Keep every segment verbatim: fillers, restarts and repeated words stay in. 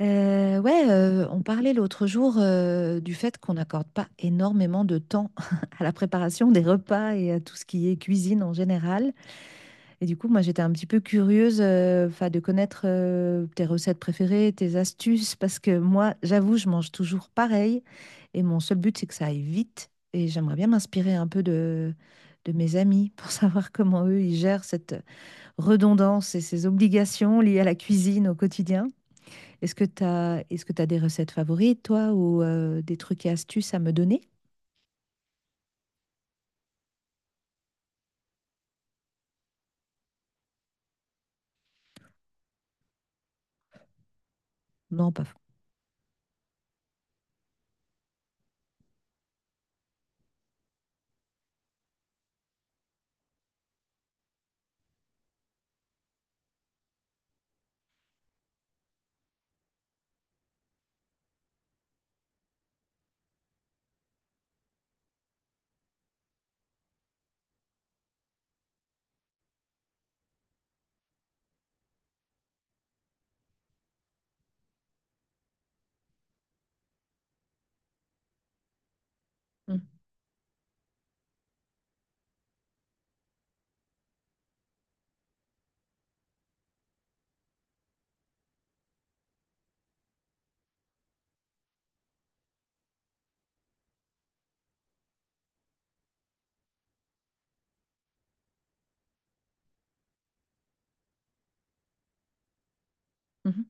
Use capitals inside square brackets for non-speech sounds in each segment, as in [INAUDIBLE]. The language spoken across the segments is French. Euh, ouais, euh, on parlait l'autre jour euh, du fait qu'on n'accorde pas énormément de temps [LAUGHS] à la préparation des repas et à tout ce qui est cuisine en général. Et du coup, moi, j'étais un petit peu curieuse euh, 'fin, de connaître euh, tes recettes préférées, tes astuces, parce que moi, j'avoue, je mange toujours pareil et mon seul but, c'est que ça aille vite. Et j'aimerais bien m'inspirer un peu de, de mes amis pour [LAUGHS] savoir comment eux, ils gèrent cette redondance et ces obligations liées à la cuisine au quotidien. Est-ce que tu as, est-ce que tu as des recettes favorites, toi, ou euh, des trucs et astuces à me donner? Non, pas. f- Mm. Mhm,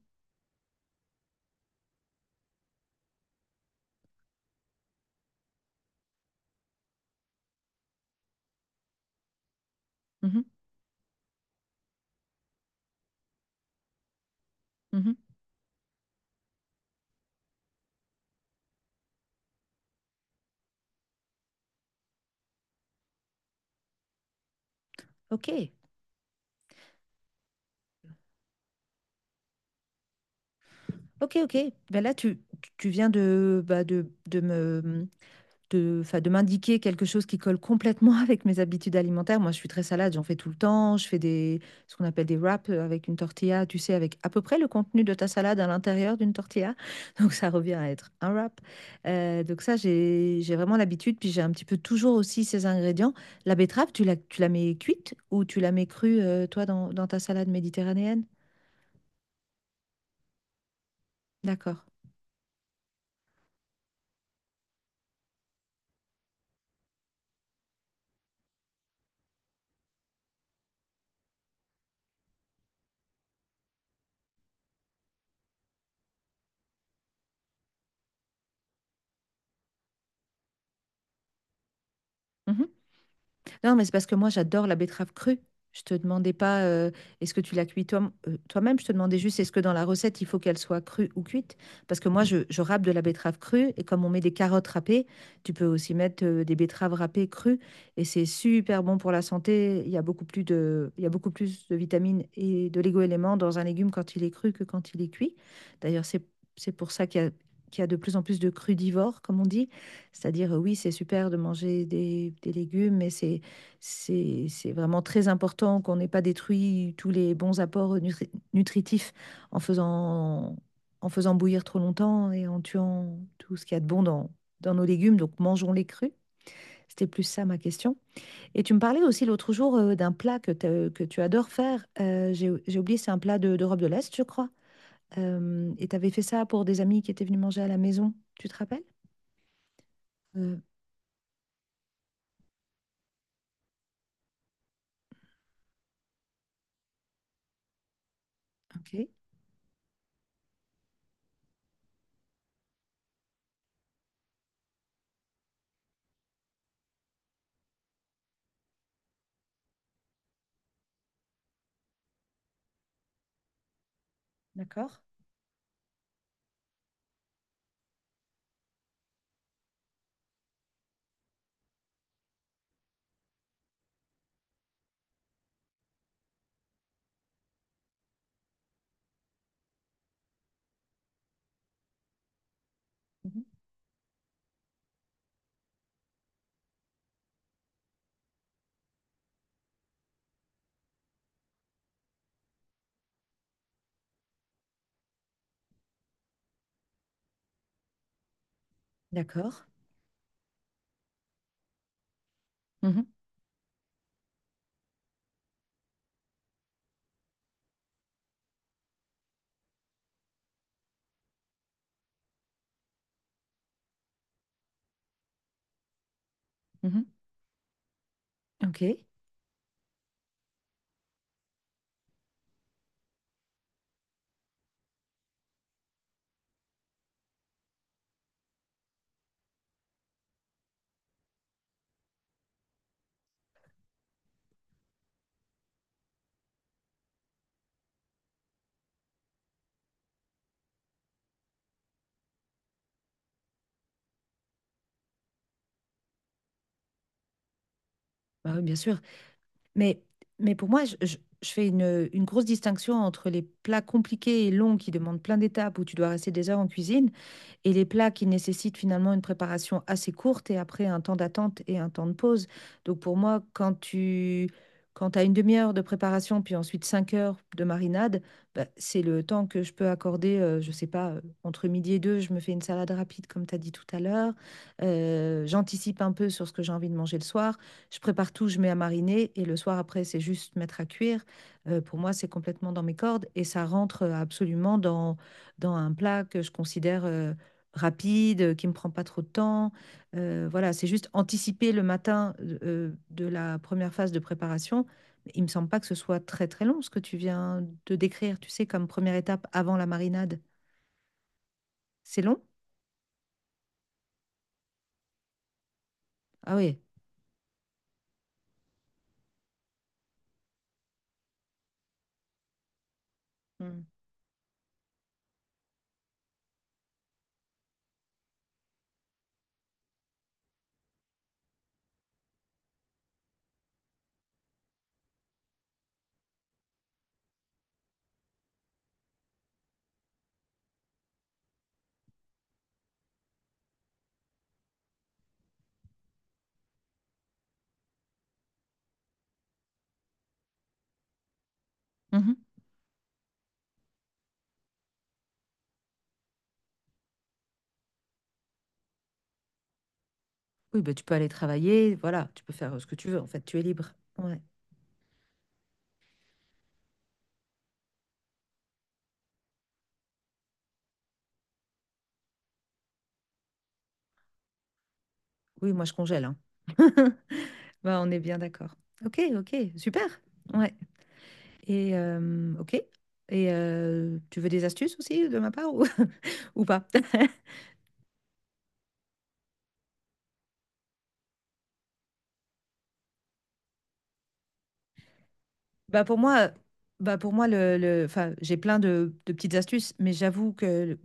mhm, mhm. Ok, ok, ok. Ben là, tu, tu tu viens de, bah, de, de me, mmh, de, enfin, de m'indiquer quelque chose qui colle complètement [LAUGHS] avec mes habitudes alimentaires. Moi, je suis très salade, j'en fais tout le temps. Je fais des, ce qu'on appelle des wraps euh, avec une tortilla, tu sais, avec à peu près le contenu de ta salade à l'intérieur d'une tortilla. [LAUGHS] Donc, ça revient à être un wrap. Euh, donc, ça, j'ai, j'ai vraiment l'habitude. Puis, j'ai un petit peu toujours aussi ces ingrédients. La betterave, tu la, tu la mets cuite ou tu la mets crue, euh, toi, dans, dans ta salade méditerranéenne? D'accord. Non, mais c'est parce que moi, j'adore la betterave crue. Je te demandais pas euh, est-ce que tu la cuis toi, même je te demandais juste est-ce que dans la recette, il faut qu'elle soit crue ou cuite. Parce que moi, je, je râpe de la betterave crue et comme on met des carottes râpées, tu peux aussi mettre euh, des betteraves râpées crues et c'est super bon pour la santé. Il y a beaucoup plus de, il y a beaucoup plus de vitamines et de légumes dans un légume quand il est cru que quand il est cuit. D'ailleurs, c'est, c'est pour ça qu'il y a, qu'il y a de plus en plus de crudivores, comme on dit. C'est-à-dire, euh, oui, c'est super de manger des, des légumes, mais c'est c'est, c'est vraiment très important qu'on n'ait pas détruit tous les bons apports nutri- nutritifs en faisant, en faisant bouillir trop longtemps et en tuant tout ce qu'il y a de bon dans, dans nos légumes. Donc mangeons-les crus. C'était plus ça ma question. Et tu me parlais aussi l'autre jour euh, d'un plat que, t'as- que tu adores faire. Euh, j'ai, j'ai oublié, c'est un plat de, d'Europe de l'Est, je crois. Euh, et tu avais fait ça pour des amis qui étaient venus manger à la maison. Tu te rappelles? Euh, ok, d'accord. Mhm. D'accord. Mhm, mhm. Ok. Bah oui, bien sûr. Mais, mais pour moi, je, je- je fais une, une grosse distinction entre les plats compliqués et longs qui demandent plein d'étapes où tu dois rester des heures en cuisine et les plats qui nécessitent finalement une préparation assez courte et après un temps d'attente et un temps de pause. Donc pour moi, quand tu quand as une demi-heure de préparation, puis ensuite cinq heures de marinade, bah, c'est le temps que je peux accorder, euh, je sais pas, euh, entre midi et deux, je me fais une salade rapide, comme tu as dit tout à l'heure. Euh, j'anticipe un peu sur ce que j'ai envie de manger le soir. Je prépare tout, je mets à mariner, et le soir après, c'est juste mettre à cuire. Euh, pour moi, c'est complètement dans mes cordes, et ça rentre euh, absolument dans, dans un plat que je considère euh, rapide, qui ne me prend pas trop de temps. Euh, voilà, c'est juste anticiper le matin euh, euh, de la première phase de préparation. Il ne me semble pas que ce soit très très long ce que tu viens de décrire, tu sais, comme première étape avant la marinade. C'est long? Ah oui. Mm. Mhm. Oui, bah, tu peux aller travailler, voilà, tu peux faire euh, ce que tu veux, en fait, tu es libre. Ouais. Oui, moi je congèle, hein. [LAUGHS] Bah, on est bien d'accord. Ok, ok, super. Ouais. Et euh, ok. Et euh, tu veux des astuces aussi de ma part ou, [LAUGHS] ou pas? [LAUGHS] Bah pour moi, bah pour moi le, le- enfin, j'ai plein de, de petites astuces, mais j'avoue que,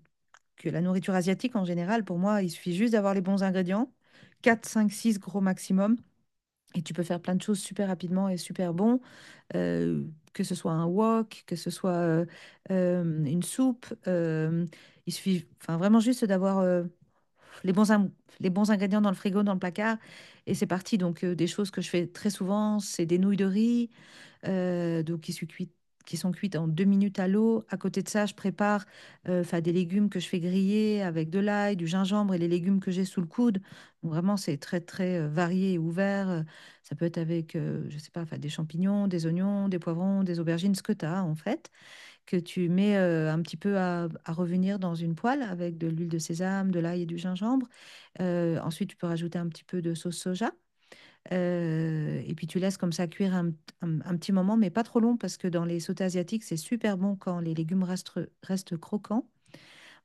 que la nourriture asiatique, en général, pour moi, il suffit juste d'avoir les bons ingrédients, quatre, cinq, six gros maximum, et tu peux faire plein de choses super rapidement et super bon, euh, que ce soit un wok, que ce soit euh, euh, une soupe. Euh, il suffit enfin, vraiment juste d'avoir euh, les bons, in- les bons ingrédients dans le frigo, dans le placard, et c'est parti. Donc, euh, des choses que je fais très souvent, c'est des nouilles de riz, euh, donc qui sont cuites, qui sont cuites en deux minutes à l'eau. À côté de ça, je prépare euh, 'fin, des légumes que je fais griller avec de l'ail, du gingembre et les légumes que j'ai sous le coude. Donc, vraiment, c'est très, très euh, varié et ouvert. Euh, Ça peut être avec, euh, je sais pas, 'fin, des champignons, des oignons, des poivrons, des aubergines, ce que tu as en fait, que tu mets euh, un petit peu à, à revenir dans une poêle avec de l'huile de sésame, de l'ail et du gingembre. Euh, ensuite, tu peux rajouter un petit peu de sauce soja. Euh, et puis tu laisses comme ça cuire un, un- un petit moment, mais pas trop long parce que dans les sautés asiatiques, c'est super bon quand les légumes restent, restent croquants.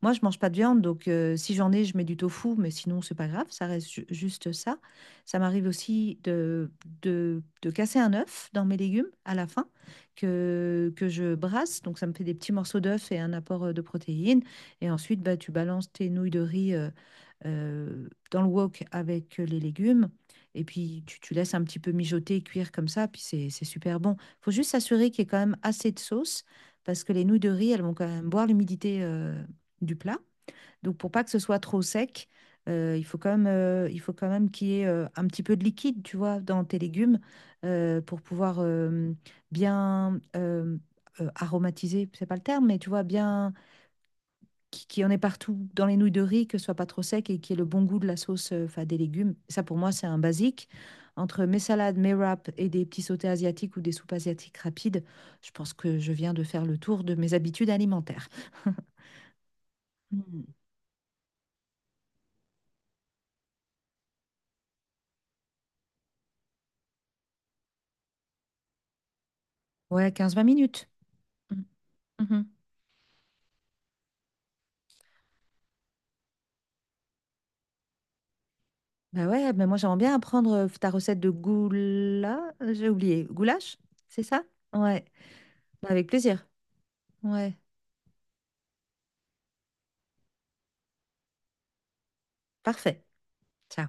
Moi, je mange pas de viande, donc euh, si j'en ai, je mets du tofu, mais sinon, c'est pas grave, ça reste ju- juste ça. Ça m'arrive aussi de, de, de casser un œuf dans mes légumes à la fin que, que je brasse, donc ça me fait des petits morceaux d'œuf et un apport euh, de protéines. Et ensuite, bah, tu balances tes nouilles de riz euh, euh, dans le wok avec euh, les légumes. Et puis tu, tu laisses un petit peu mijoter, cuire comme ça, puis c'est c'est super bon. Faut juste s'assurer qu'il y ait quand même assez de sauce, parce que les nouilles de riz, elles vont quand même boire l'humidité euh, du plat. Donc pour pas que ce soit trop sec, euh, il faut quand même, euh, il faut quand même qu'il y ait euh, un petit peu de liquide, tu vois, dans tes légumes euh, pour pouvoir euh, bien euh, euh, aromatiser, c'est pas le terme, mais tu vois, bien qui qui en ait partout dans les nouilles de riz, que ce soit pas trop sec et qu'il y ait le bon goût de la sauce, euh, enfin des légumes. Ça pour moi, c'est un basique. Entre mes salades, mes wraps et des petits sautés asiatiques ou des soupes asiatiques rapides, je pense que je viens de faire le tour de mes habitudes alimentaires. [LAUGHS] Hmm. Ouais, quinze vingt minutes. Mmh. Mmh. Bah, ouais, mais moi j'aimerais bien apprendre, heu, ta recette de goula j'ai oublié, goulash? C'est ça? Ouais, bah, avec plaisir. Ouais, parfait. Ciao.